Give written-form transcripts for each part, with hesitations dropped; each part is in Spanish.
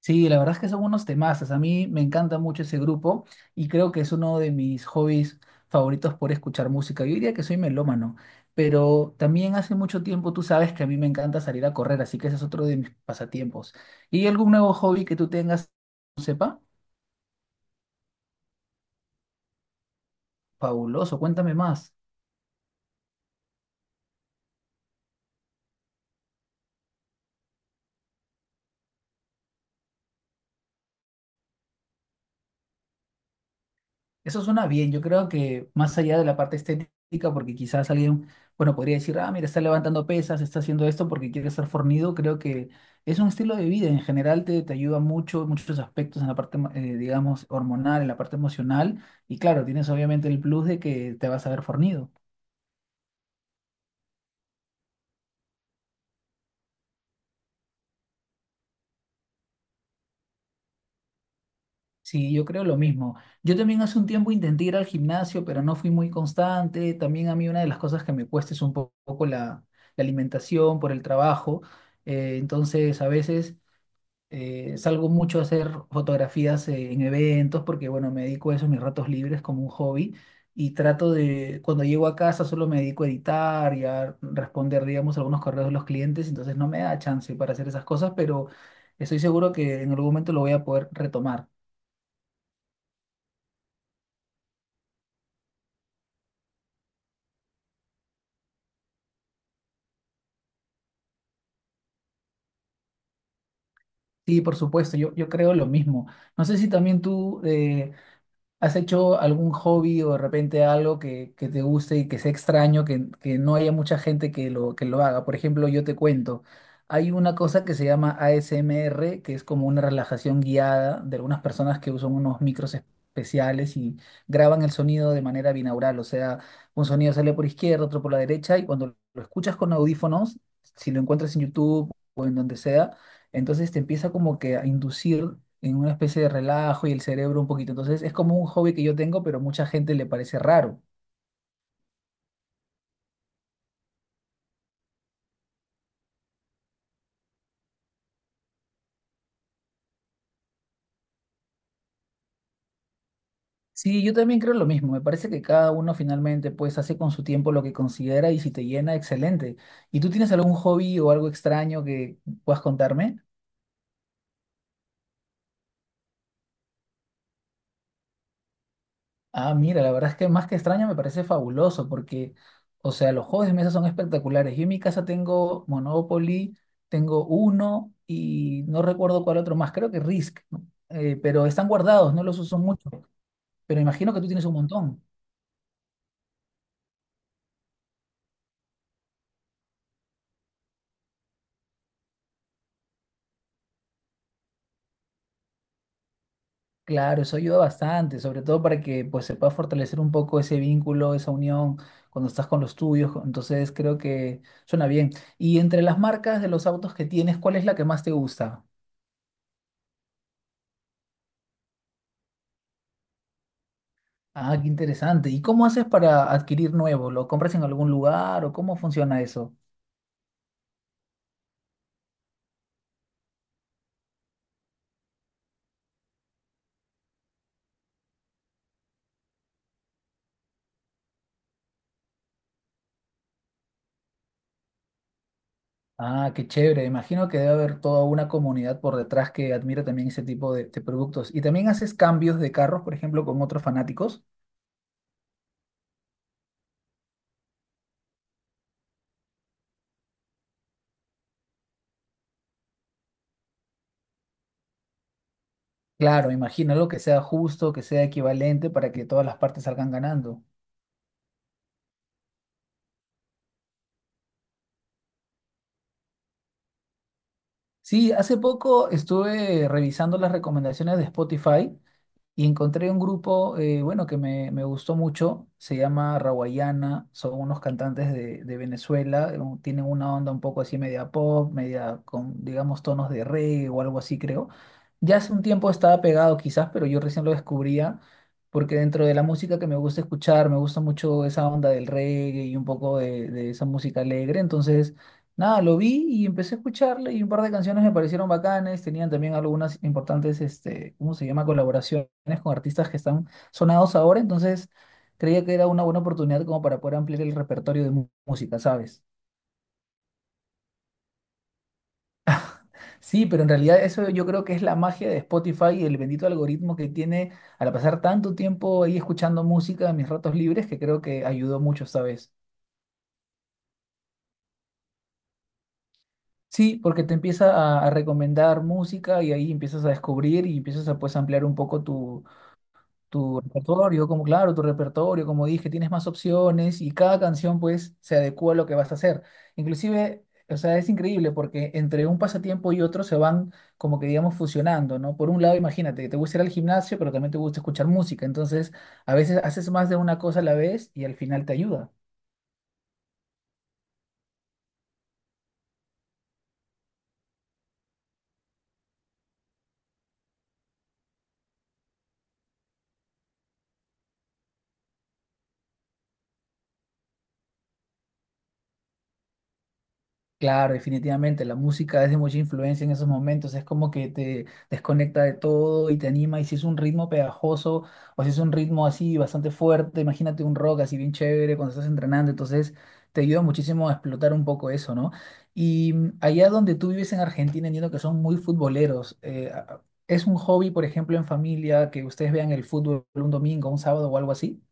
Sí, la verdad es que son unos temazos. A mí me encanta mucho ese grupo y creo que es uno de mis hobbies favoritos por escuchar música. Yo diría que soy melómano, pero también hace mucho tiempo tú sabes que a mí me encanta salir a correr, así que ese es otro de mis pasatiempos. ¿Y algún nuevo hobby que tú tengas, sepa? Fabuloso, cuéntame más. Eso suena bien, yo creo que más allá de la parte estética, porque quizás alguien, bueno, podría decir, ah, mira, está levantando pesas, está haciendo esto porque quiere estar fornido, creo que es un estilo de vida, en general te ayuda mucho, muchos aspectos en la parte, digamos, hormonal, en la parte emocional, y claro, tienes obviamente el plus de que te vas a ver fornido. Sí, yo creo lo mismo. Yo también hace un tiempo intenté ir al gimnasio, pero no fui muy constante, también a mí una de las cosas que me cuesta es un poco la alimentación por el trabajo, entonces a veces... salgo mucho a hacer fotografías en eventos porque, bueno, me dedico a eso en mis ratos libres como un hobby y trato de, cuando llego a casa solo me dedico a editar y a responder, digamos, algunos correos de los clientes, entonces no me da chance para hacer esas cosas, pero estoy seguro que en algún momento lo voy a poder retomar. Sí, por supuesto, yo creo lo mismo. No sé si también tú... ¿Has hecho algún hobby o de repente algo que te guste y que sea extraño, que no haya mucha gente que que lo haga? Por ejemplo, yo te cuento, hay una cosa que se llama ASMR, que es como una relajación guiada de algunas personas que usan unos micros especiales y graban el sonido de manera binaural, o sea, un sonido sale por izquierda, otro por la derecha, y cuando lo escuchas con audífonos, si lo encuentras en YouTube o en donde sea, entonces te empieza como que a inducir en una especie de relajo y el cerebro un poquito. Entonces es como un hobby que yo tengo, pero a mucha gente le parece raro. Sí, yo también creo lo mismo. Me parece que cada uno finalmente pues hace con su tiempo lo que considera y si te llena, excelente. ¿Y tú tienes algún hobby o algo extraño que puedas contarme? Ah, mira, la verdad es que más que extraño me parece fabuloso porque, o sea, los juegos de mesa son espectaculares. Yo en mi casa tengo Monopoly, tengo Uno y no recuerdo cuál otro más, creo que Risk, ¿no? Pero están guardados, no los uso mucho, pero imagino que tú tienes un montón. Claro, eso ayuda bastante, sobre todo para que pues se pueda fortalecer un poco ese vínculo, esa unión cuando estás con los tuyos. Entonces creo que suena bien. Y entre las marcas de los autos que tienes, ¿cuál es la que más te gusta? Ah, qué interesante. ¿Y cómo haces para adquirir nuevo? ¿Lo compras en algún lugar o cómo funciona eso? Ah, qué chévere. Imagino que debe haber toda una comunidad por detrás que admira también ese tipo de productos. ¿Y también haces cambios de carros, por ejemplo, con otros fanáticos? Claro, imagino lo que sea justo, que sea equivalente para que todas las partes salgan ganando. Sí, hace poco estuve revisando las recomendaciones de Spotify y encontré un grupo, bueno, que me gustó mucho, se llama Rawayana, son unos cantantes de Venezuela, un- tienen una onda un poco así media pop, media con, digamos, tonos de reggae o algo así, creo. Ya hace un tiempo estaba pegado quizás, pero yo recién lo descubría, porque dentro de la música que me gusta escuchar, me gusta mucho esa onda del reggae y un poco de esa música alegre, entonces nada, lo vi y empecé a escucharle y un par de canciones me parecieron bacanes, tenían también algunas importantes, este, ¿cómo se llama? Colaboraciones con artistas que están sonados ahora, entonces creía que era una buena oportunidad como para poder ampliar el repertorio de música, ¿sabes? Sí, pero en realidad eso yo creo que es la magia de Spotify y el bendito algoritmo que tiene al pasar tanto tiempo ahí escuchando música en mis ratos libres que creo que ayudó mucho esta vez. Sí, porque te empieza a recomendar música y ahí empiezas a descubrir y empiezas a pues ampliar un poco tu tu repertorio, como dije, tienes más opciones y cada canción pues se adecua a lo que vas a hacer. Inclusive, o sea, es increíble porque entre un pasatiempo y otro se van como que digamos fusionando, ¿no? Por un lado, imagínate, te gusta ir al gimnasio, pero también te gusta escuchar música, entonces a veces haces más de una cosa a la vez y al final te ayuda. Claro, definitivamente, la música es de mucha influencia en esos momentos, es como que te desconecta de todo y te anima, y si es un ritmo pegajoso o si es un ritmo así bastante fuerte, imagínate un rock así bien chévere cuando estás entrenando, entonces te ayuda muchísimo a explotar un poco eso, ¿no? Y mm, allá donde tú vives en Argentina, entiendo que son muy futboleros, a- ¿es un hobby, por ejemplo, en familia, que ustedes vean el fútbol un domingo, un sábado o algo así?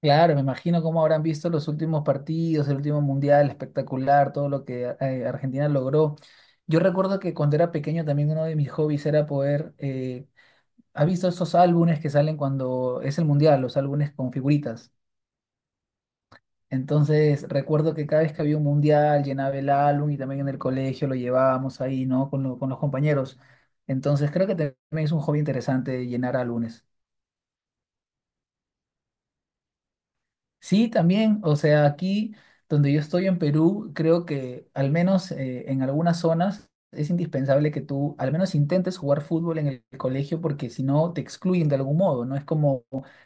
Claro, me imagino cómo habrán visto los últimos partidos, el último mundial espectacular, todo lo que Argentina logró. Yo recuerdo que cuando era pequeño también uno de mis hobbies era poder, ¿has visto esos álbumes que salen cuando es el mundial, los álbumes con figuritas? Entonces recuerdo que cada vez que había un mundial llenaba el álbum y también en el colegio lo llevábamos ahí, ¿no? Con, con los compañeros. Entonces creo que también es un hobby interesante llenar álbumes. Sí, también, o sea, aquí donde yo estoy en Perú, creo que al menos en algunas zonas es indispensable que tú al menos intentes jugar fútbol en el colegio porque si no te excluyen de algún modo, ¿no? Es como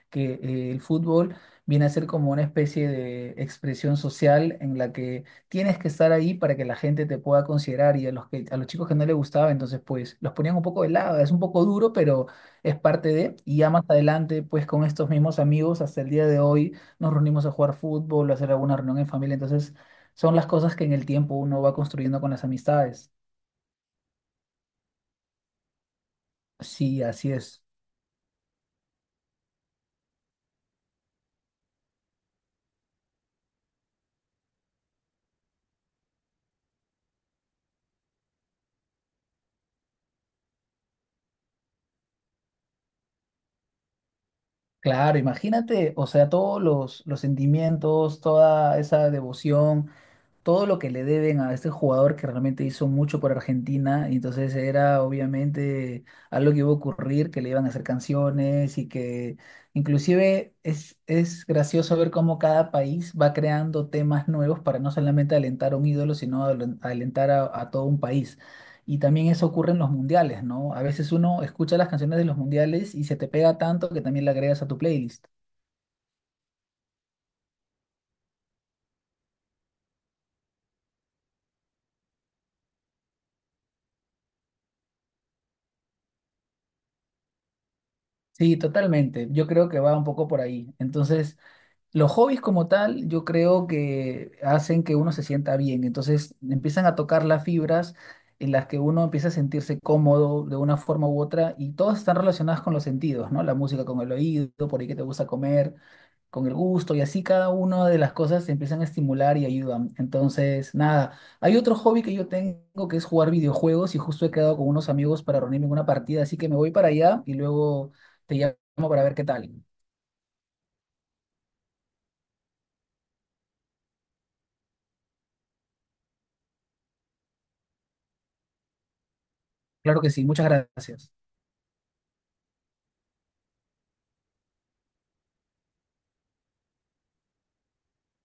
que el fútbol viene a ser como una especie de expresión social en la que tienes que estar ahí para que la gente te pueda considerar y a los a los chicos que no les gustaba, entonces pues los ponían un poco de lado, es un poco duro, pero es parte de, y ya más adelante pues con estos mismos amigos hasta el día de hoy nos reunimos a jugar fútbol, a hacer alguna reunión en familia. Entonces, son las cosas que en el tiempo uno va construyendo con las amistades. Sí, así es. Claro, imagínate, o sea, todos los sentimientos, toda esa devoción todo lo que le deben a este jugador que realmente hizo mucho por Argentina, y entonces era obviamente algo que iba a ocurrir, que le iban a hacer canciones y que inclusive es gracioso ver cómo cada país va creando temas nuevos para no solamente alentar a un ídolo, sino alentar a todo un país. Y también eso ocurre en los mundiales, ¿no? A veces uno escucha las canciones de los mundiales y se te pega tanto que también la agregas a tu playlist. Sí, totalmente. Yo creo que va un poco por ahí. Entonces... Los hobbies como tal, yo creo que hacen que uno se sienta bien. Entonces empiezan a tocar las fibras en las que uno empieza a sentirse cómodo de una forma u otra y todas están relacionadas con los sentidos, ¿no? La música con el oído, por ahí que te gusta comer, con el gusto y así cada una de las cosas te empiezan a estimular y ayudan. Entonces, nada, hay otro hobby que yo tengo que es jugar videojuegos y justo he quedado con unos amigos para reunirme en una partida, así que me voy para allá y luego te llamo para ver qué tal. Claro que sí, muchas gracias.